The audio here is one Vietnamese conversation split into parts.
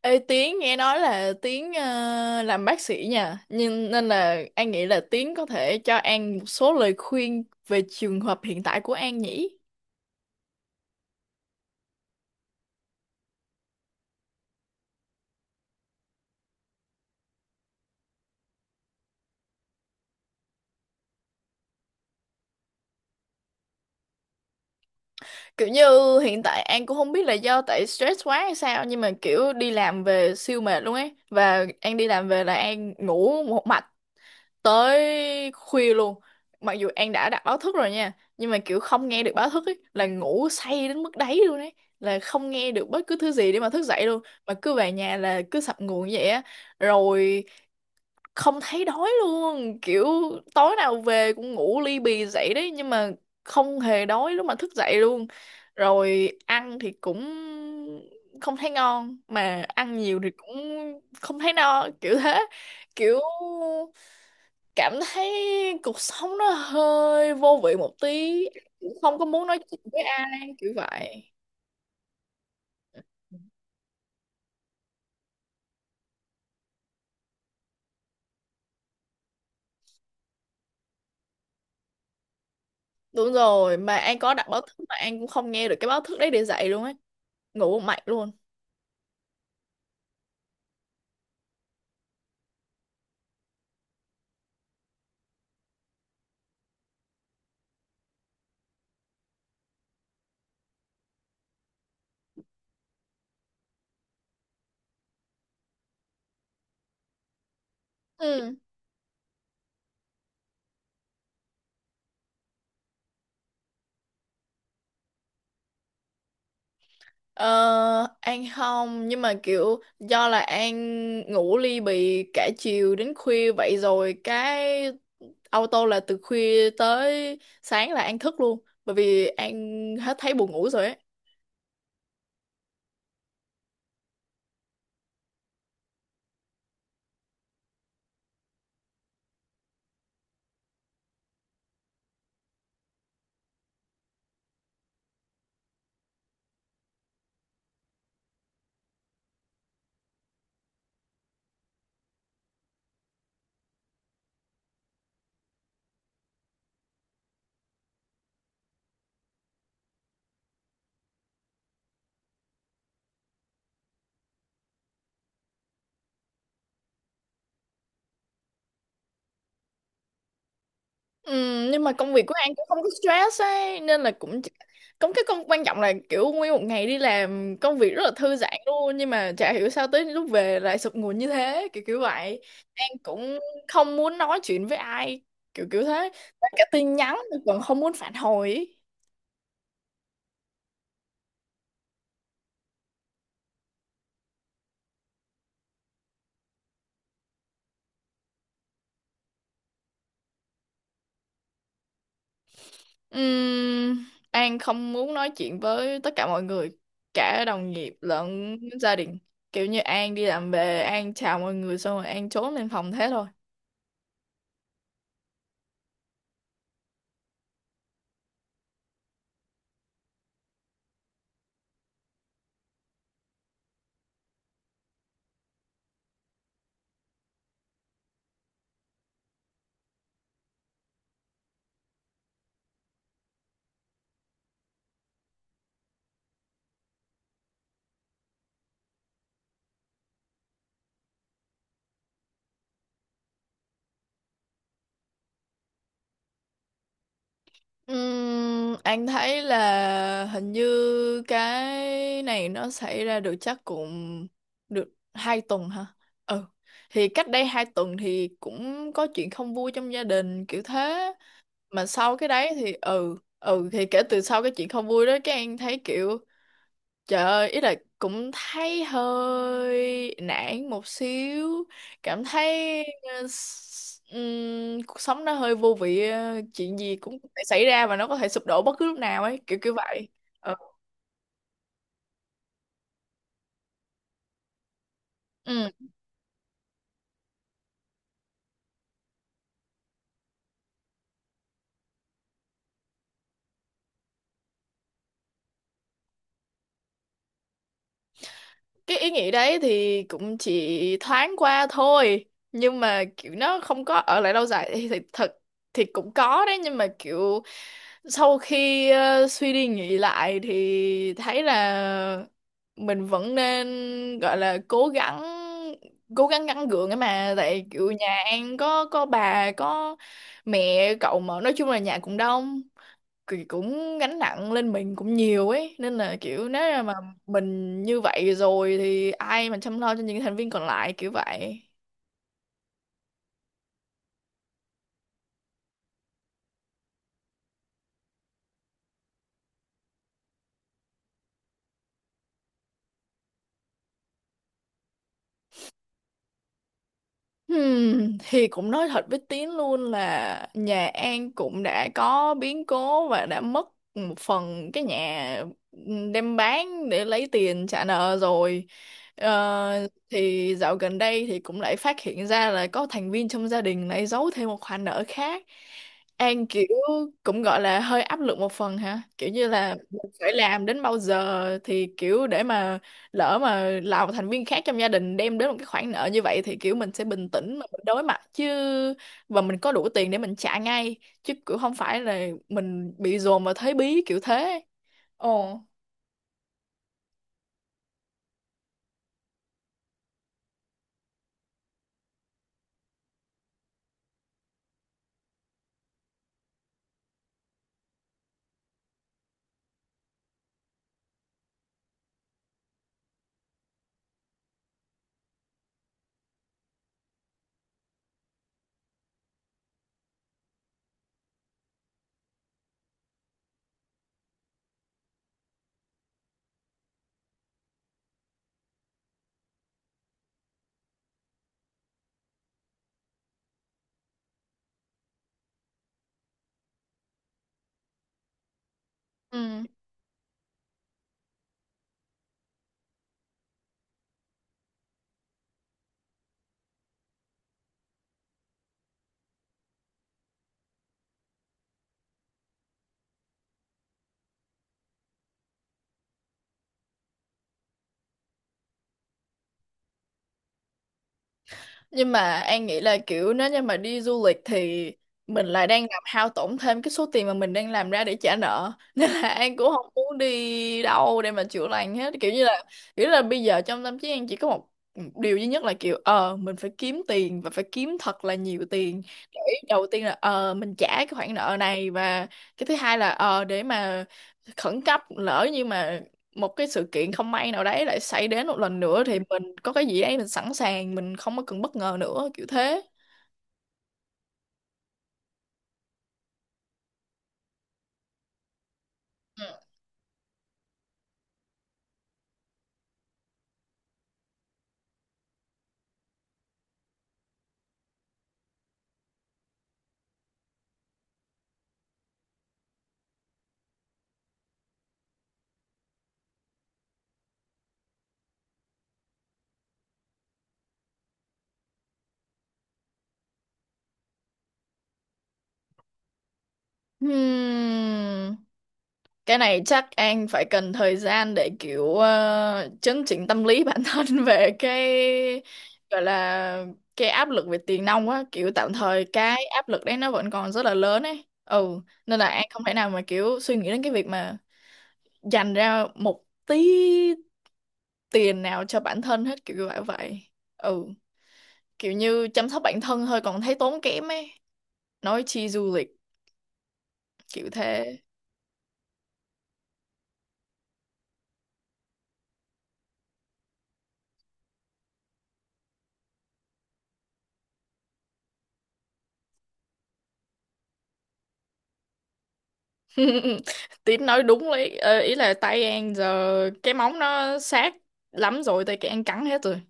Ê Tiến, nghe nói là Tiến làm bác sĩ nha, nhưng nên là An nghĩ là Tiến có thể cho An một số lời khuyên về trường hợp hiện tại của An nhỉ. Kiểu như hiện tại An cũng không biết là do tại stress quá hay sao, nhưng mà kiểu đi làm về siêu mệt luôn ấy, và An đi làm về là An ngủ một mạch tới khuya luôn. Mặc dù An đã đặt báo thức rồi nha, nhưng mà kiểu không nghe được báo thức ấy, là ngủ say đến mức đấy luôn ấy, là không nghe được bất cứ thứ gì để mà thức dậy luôn, mà cứ về nhà là cứ sập nguồn như vậy á. Rồi không thấy đói luôn, kiểu tối nào về cũng ngủ ly bì dậy đấy, nhưng mà không hề đói lúc mà thức dậy luôn. Rồi ăn thì cũng không thấy ngon, mà ăn nhiều thì cũng không thấy no kiểu thế. Kiểu cảm thấy cuộc sống nó hơi vô vị một tí, cũng không có muốn nói chuyện với ai kiểu vậy. Đúng rồi, mà An có đặt báo thức mà An cũng không nghe được cái báo thức đấy để dậy luôn ấy, ngủ một mạch luôn. Ừ. ờ, An không, nhưng mà kiểu do là An ngủ ly bì cả chiều đến khuya vậy rồi, cái auto là từ khuya tới sáng là An thức luôn, bởi vì An hết thấy buồn ngủ rồi ấy. Ừ, nhưng mà công việc của An cũng không có stress ấy, nên là cũng chỉ- cũng cái công quan trọng là kiểu nguyên một ngày đi làm công việc rất là thư giãn luôn, nhưng mà chả hiểu sao tới lúc về lại sụp nguồn như thế, kiểu kiểu vậy. An cũng không muốn nói chuyện với ai, kiểu kiểu thế. Và cả tin nhắn tôi còn không muốn phản hồi ấy. Ừm, An không muốn nói chuyện với tất cả mọi người, cả đồng nghiệp lẫn gia đình. Kiểu như An đi làm về, An chào mọi người xong rồi An trốn lên phòng thế thôi. Anh thấy là hình như cái này nó xảy ra được chắc cũng được 2 tuần hả? Ừ. Thì cách đây 2 tuần thì cũng có chuyện không vui trong gia đình kiểu thế. Mà sau cái đấy thì ừ thì kể từ sau cái chuyện không vui đó, cái anh thấy kiểu trời ơi, ý là cũng thấy hơi nản một xíu, cảm thấy cuộc sống nó hơi vô vị, chuyện gì cũng có thể xảy ra và nó có thể sụp đổ bất cứ lúc nào ấy, kiểu kiểu vậy. Ừ. Cái ý nghĩ đấy thì cũng chỉ thoáng qua thôi, nhưng mà kiểu nó không có ở lại lâu dài. Thì thì cũng có đấy, nhưng mà kiểu sau khi suy đi nghĩ lại thì thấy là mình vẫn nên gọi là cố gắng, cố gắng gắng gượng ấy mà, tại kiểu nhà An có bà có mẹ cậu, mà nói chung là nhà cũng đông thì cũng gánh nặng lên mình cũng nhiều ấy, nên là kiểu nếu mà mình như vậy rồi thì ai mà chăm lo cho những thành viên còn lại, kiểu vậy. Hmm, thì cũng nói thật với Tiến luôn là nhà An cũng đã có biến cố và đã mất một phần cái nhà, đem bán để lấy tiền trả nợ rồi. Ờ, thì dạo gần đây thì cũng lại phát hiện ra là có thành viên trong gia đình lại giấu thêm một khoản nợ khác. An kiểu cũng gọi là hơi áp lực một phần hả? Kiểu như là mình phải làm đến bao giờ thì kiểu, để mà lỡ mà là một thành viên khác trong gia đình đem đến một cái khoản nợ như vậy, thì kiểu mình sẽ bình tĩnh mà mình đối mặt chứ, và mình có đủ tiền để mình trả ngay, chứ kiểu không phải là mình bị dồn vào thế bí kiểu thế. Ồ. Ừ, nhưng mà An nghĩ là kiểu nếu như mà đi du lịch thì mình lại đang làm hao tổn thêm cái số tiền mà mình đang làm ra để trả nợ nên là An cũng không muốn đi đâu để mà chữa lành hết, kiểu như là kiểu là bây giờ trong tâm trí An chỉ có một điều duy nhất là kiểu ờ mình phải kiếm tiền và phải kiếm thật là nhiều tiền để, đầu tiên là ờ mình trả cái khoản nợ này, và cái thứ hai là ờ để mà khẩn cấp lỡ như mà một cái sự kiện không may nào đấy lại xảy đến một lần nữa, thì mình có cái gì đấy mình sẵn sàng, mình không có cần bất ngờ nữa, kiểu thế. Ừ. Hmm. Cái này chắc An phải cần thời gian để kiểu chấn chỉnh tâm lý bản thân về cái gọi là cái áp lực về tiền nong á, kiểu tạm thời cái áp lực đấy nó vẫn còn rất là lớn ấy, ừ, nên là An không thể nào mà kiểu suy nghĩ đến cái việc mà dành ra một tí tiền nào cho bản thân hết, kiểu như vậy vậy. Ừ, kiểu như chăm sóc bản thân thôi còn thấy tốn kém ấy, nói chi du lịch kiểu thế. Tín nói đúng đấy. Ờ, ý là tay An giờ cái móng nó sát lắm rồi, tay cái An cắn hết rồi.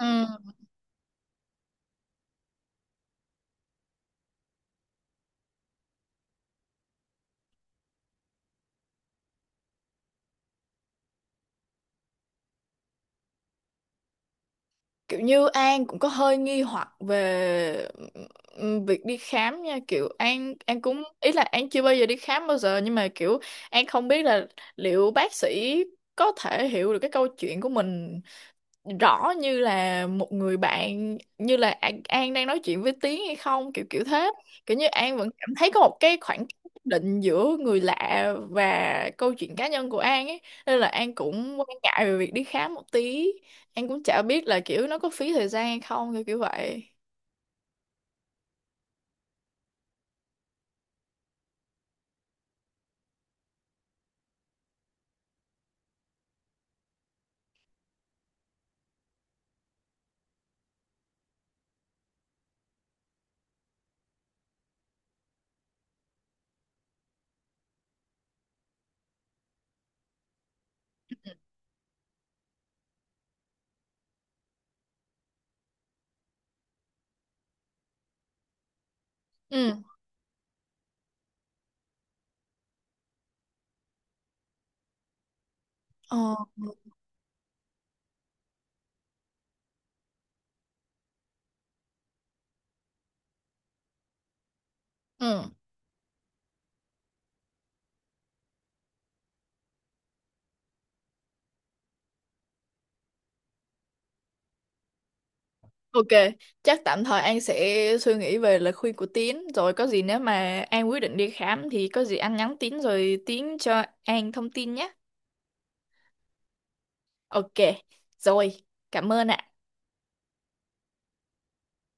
Ừ. Kiểu như An cũng có hơi nghi hoặc về, việc đi khám nha, kiểu An cũng ý là An chưa bao giờ đi khám bao giờ, nhưng mà kiểu An không biết là liệu bác sĩ có thể hiểu được cái câu chuyện của mình rõ như là một người bạn, như là An đang nói chuyện với Tiến hay không, kiểu kiểu thế. Kiểu như An vẫn cảm thấy có một cái khoảng cách nhất định giữa người lạ và câu chuyện cá nhân của An ấy, nên là An cũng quan ngại về việc đi khám một tí. An cũng chả biết là kiểu nó có phí thời gian hay không, kiểu kiểu vậy. Ừ. Ờ. Ừ. Ok, chắc tạm thời An sẽ suy nghĩ về lời khuyên của Tiến, rồi có gì nếu mà An quyết định đi khám thì có gì anh nhắn Tiến, rồi Tiến cho An thông tin nhé. Ok, rồi, cảm ơn ạ.